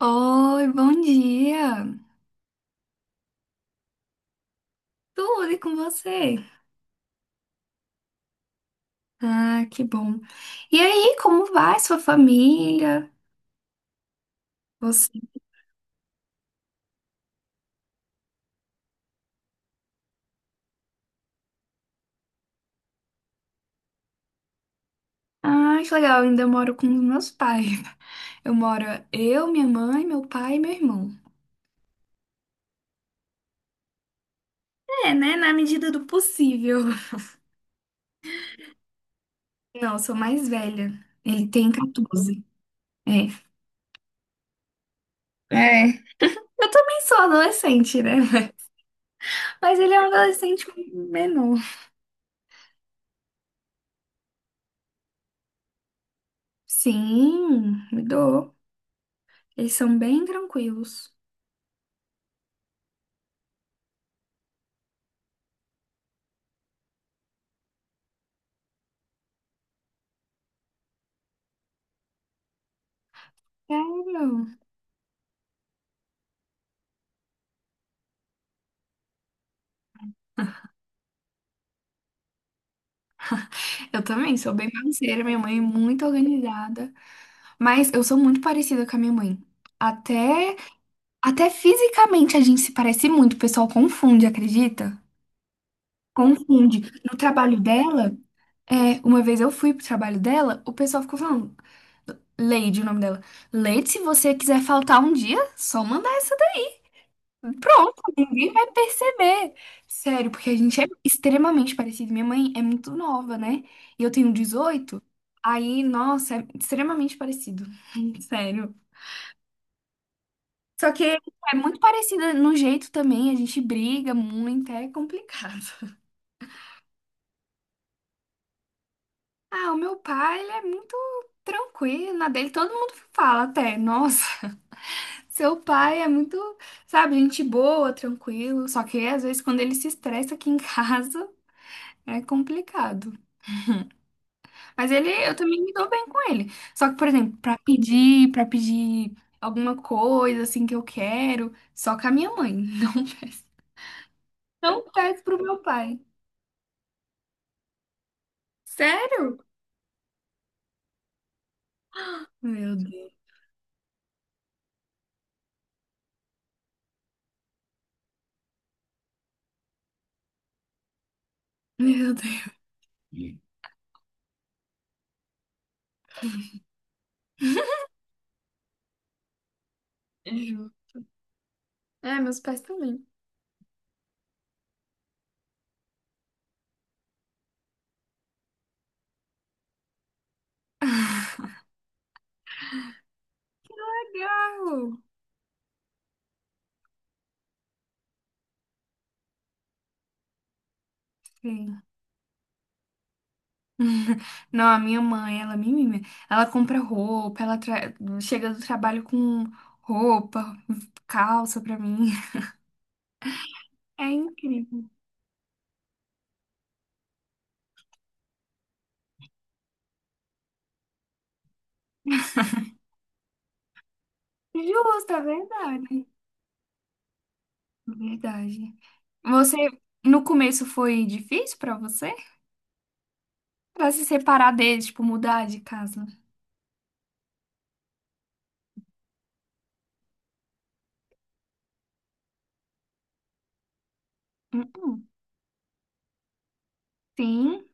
Oi, bom dia! Tudo e com você? Ah, que bom. E aí, como vai sua família? Você? Ah, que legal, eu ainda moro com os meus pais. Eu moro eu, minha mãe, meu pai e meu irmão. É, né? Na medida do possível. Não, eu sou mais velha. Ele tem 14. É. É. Eu também sou adolescente, né? Mas ele é um adolescente menor. Sim, me dou. Eles são bem tranquilos. Sério? Eu também sou bem bagunceira, minha mãe é muito organizada, mas eu sou muito parecida com a minha mãe. Até, até fisicamente a gente se parece muito, o pessoal confunde, acredita? Confunde. No trabalho dela, é, uma vez eu fui pro trabalho dela, o pessoal ficou falando, Leide, o nome dela. Leide, se você quiser faltar um dia, só mandar. Pronto, ninguém vai perceber. Sério, porque a gente é extremamente parecido. Minha mãe é muito nova, né? E eu tenho 18. Aí, nossa, é extremamente parecido. Sério. Só que é muito parecida no jeito também, a gente briga muito, é complicado. Ah, o meu pai, ele é muito tranquilo, na dele todo mundo fala até, nossa, seu pai é muito, sabe, gente boa, tranquilo, só que às vezes quando ele se estressa aqui em casa, é complicado. Mas ele, eu também me dou bem com ele. Só que, por exemplo, pra pedir alguma coisa assim que eu quero, só com a minha mãe. Não peço. Não peço pro meu pai. Sério? Meu Deus. Meu Deus. Ju. É, meus pais também. Legal. Sim. Não, a minha mãe, ela me mima. Ela compra roupa, ela tra- chega do trabalho com roupa, calça pra mim. É incrível. Justo, é verdade. Verdade. Você, no começo foi difícil pra você? Pra se separar deles, tipo, mudar de casa? Uhum. Sim.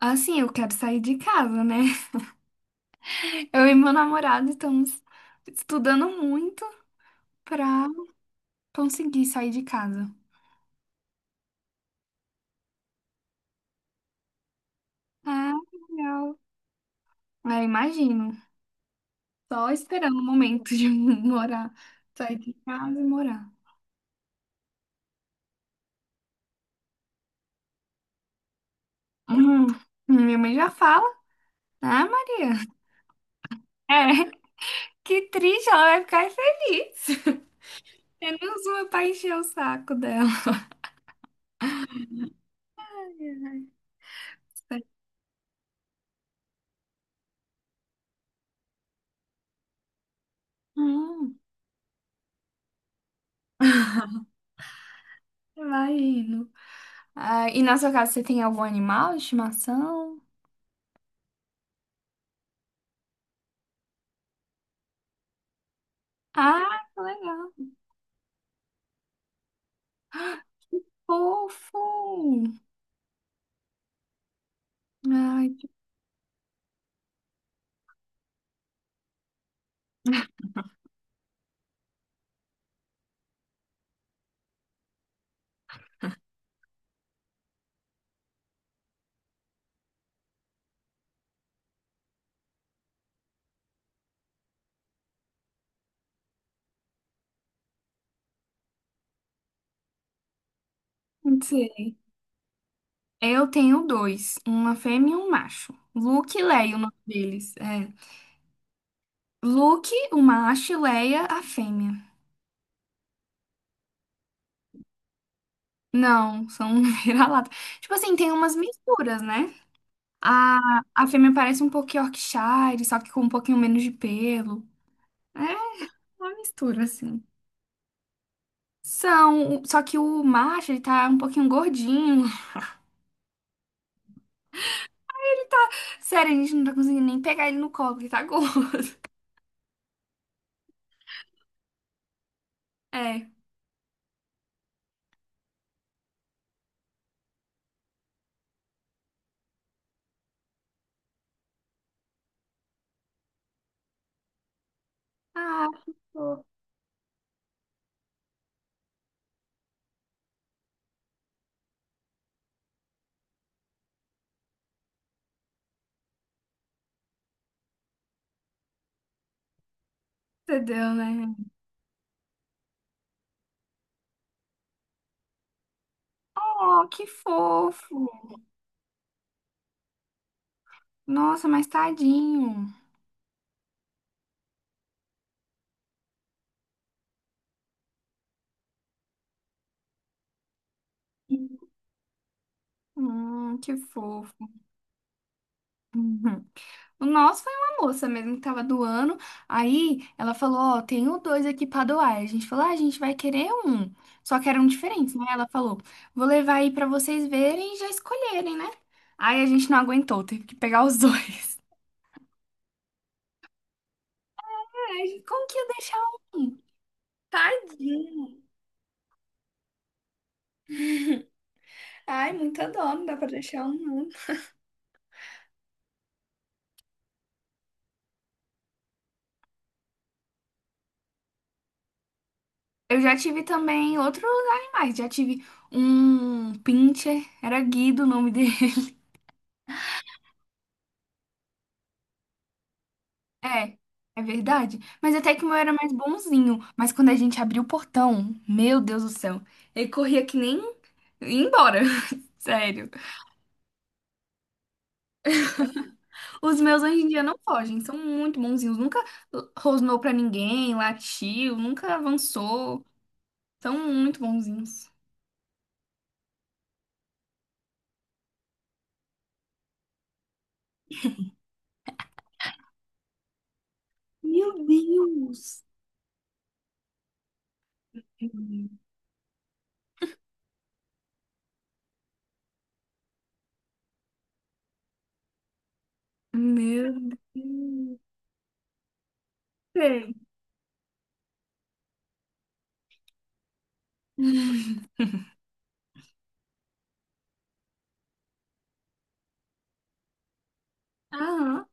Assim, eu quero sair de casa, né? Eu e meu namorado estamos estudando muito pra conseguir sair de casa. Ah, legal. É, imagino. Só esperando o momento de morar, sair de casa e morar. Hum, minha mãe já fala. Ah, Maria. É, que triste, ela vai ficar feliz. Menos uma pra encher o saco dela. Hum, vai indo. Ah, e na sua casa você tem algum animal de estimação? Ah, que legal. Fofo. Ai, que não sei. Eu tenho dois, uma fêmea e um macho. Luke e Leia, o nome deles. É. Luke, o macho, e Leia, a fêmea. Não, são vira-lata. Tipo assim, tem umas misturas, né? A, a fêmea parece um pouco Yorkshire, só que com um pouquinho menos de pelo. É. Uma mistura, assim. São, só que o macho, ele tá um pouquinho gordinho. Sério, a gente não tá conseguindo nem pegar ele no colo, ele tá gordo. É. Ah, que fofo. Entendeu, né? Oh, que fofo. Nossa, mas tadinho. Que fofo. O nosso foi uma moça mesmo que tava doando. Aí ela falou: Ó, tenho dois aqui pra doar. A gente falou: Ah, a gente vai querer um. Só que eram diferentes, né? Ela falou: Vou levar aí pra vocês verem e já escolherem, né? Aí a gente não aguentou, teve que pegar os dois. Ai, como que ia deixar um? Tadinho. Ai, muita dó, não dá pra deixar um, não. Eu já tive também outros animais. Já tive um pincher, era Guido o nome dele. É, é verdade. Mas até que o meu era mais bonzinho. Mas quando a gente abriu o portão, meu Deus do céu, ele corria que nem ia embora. Sério. Os meus hoje em dia não fogem, são muito bonzinhos. Nunca rosnou pra ninguém, latiu, nunca avançou. São muito bonzinhos. Meu Deus! Meu Deus. Sei. Aham,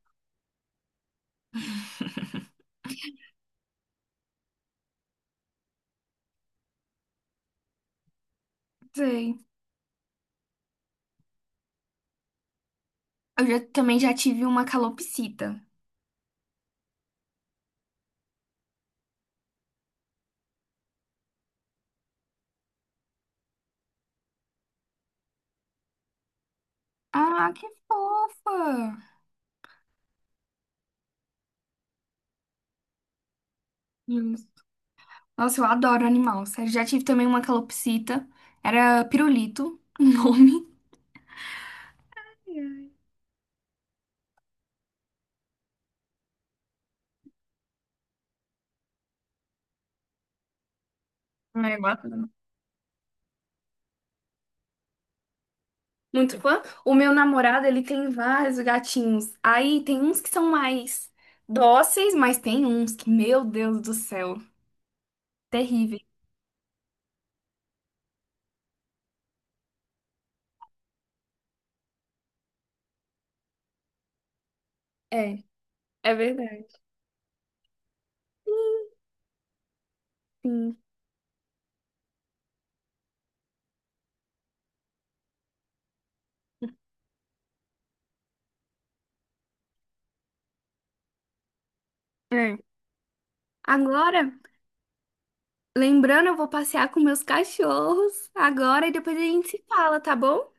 sei. Eu já- também já tive uma calopsita. Ah, que fofa! Nossa, eu adoro animal, sério. Já tive também uma calopsita. Era pirulito, o nome. Um negócio muito fã. O meu namorado, ele tem vários gatinhos. Aí tem uns que são mais dóceis, mas tem uns que, meu Deus do céu, terrível. É, é verdade. Sim. É. Agora, lembrando, eu vou passear com meus cachorros agora e depois a gente se fala, tá bom?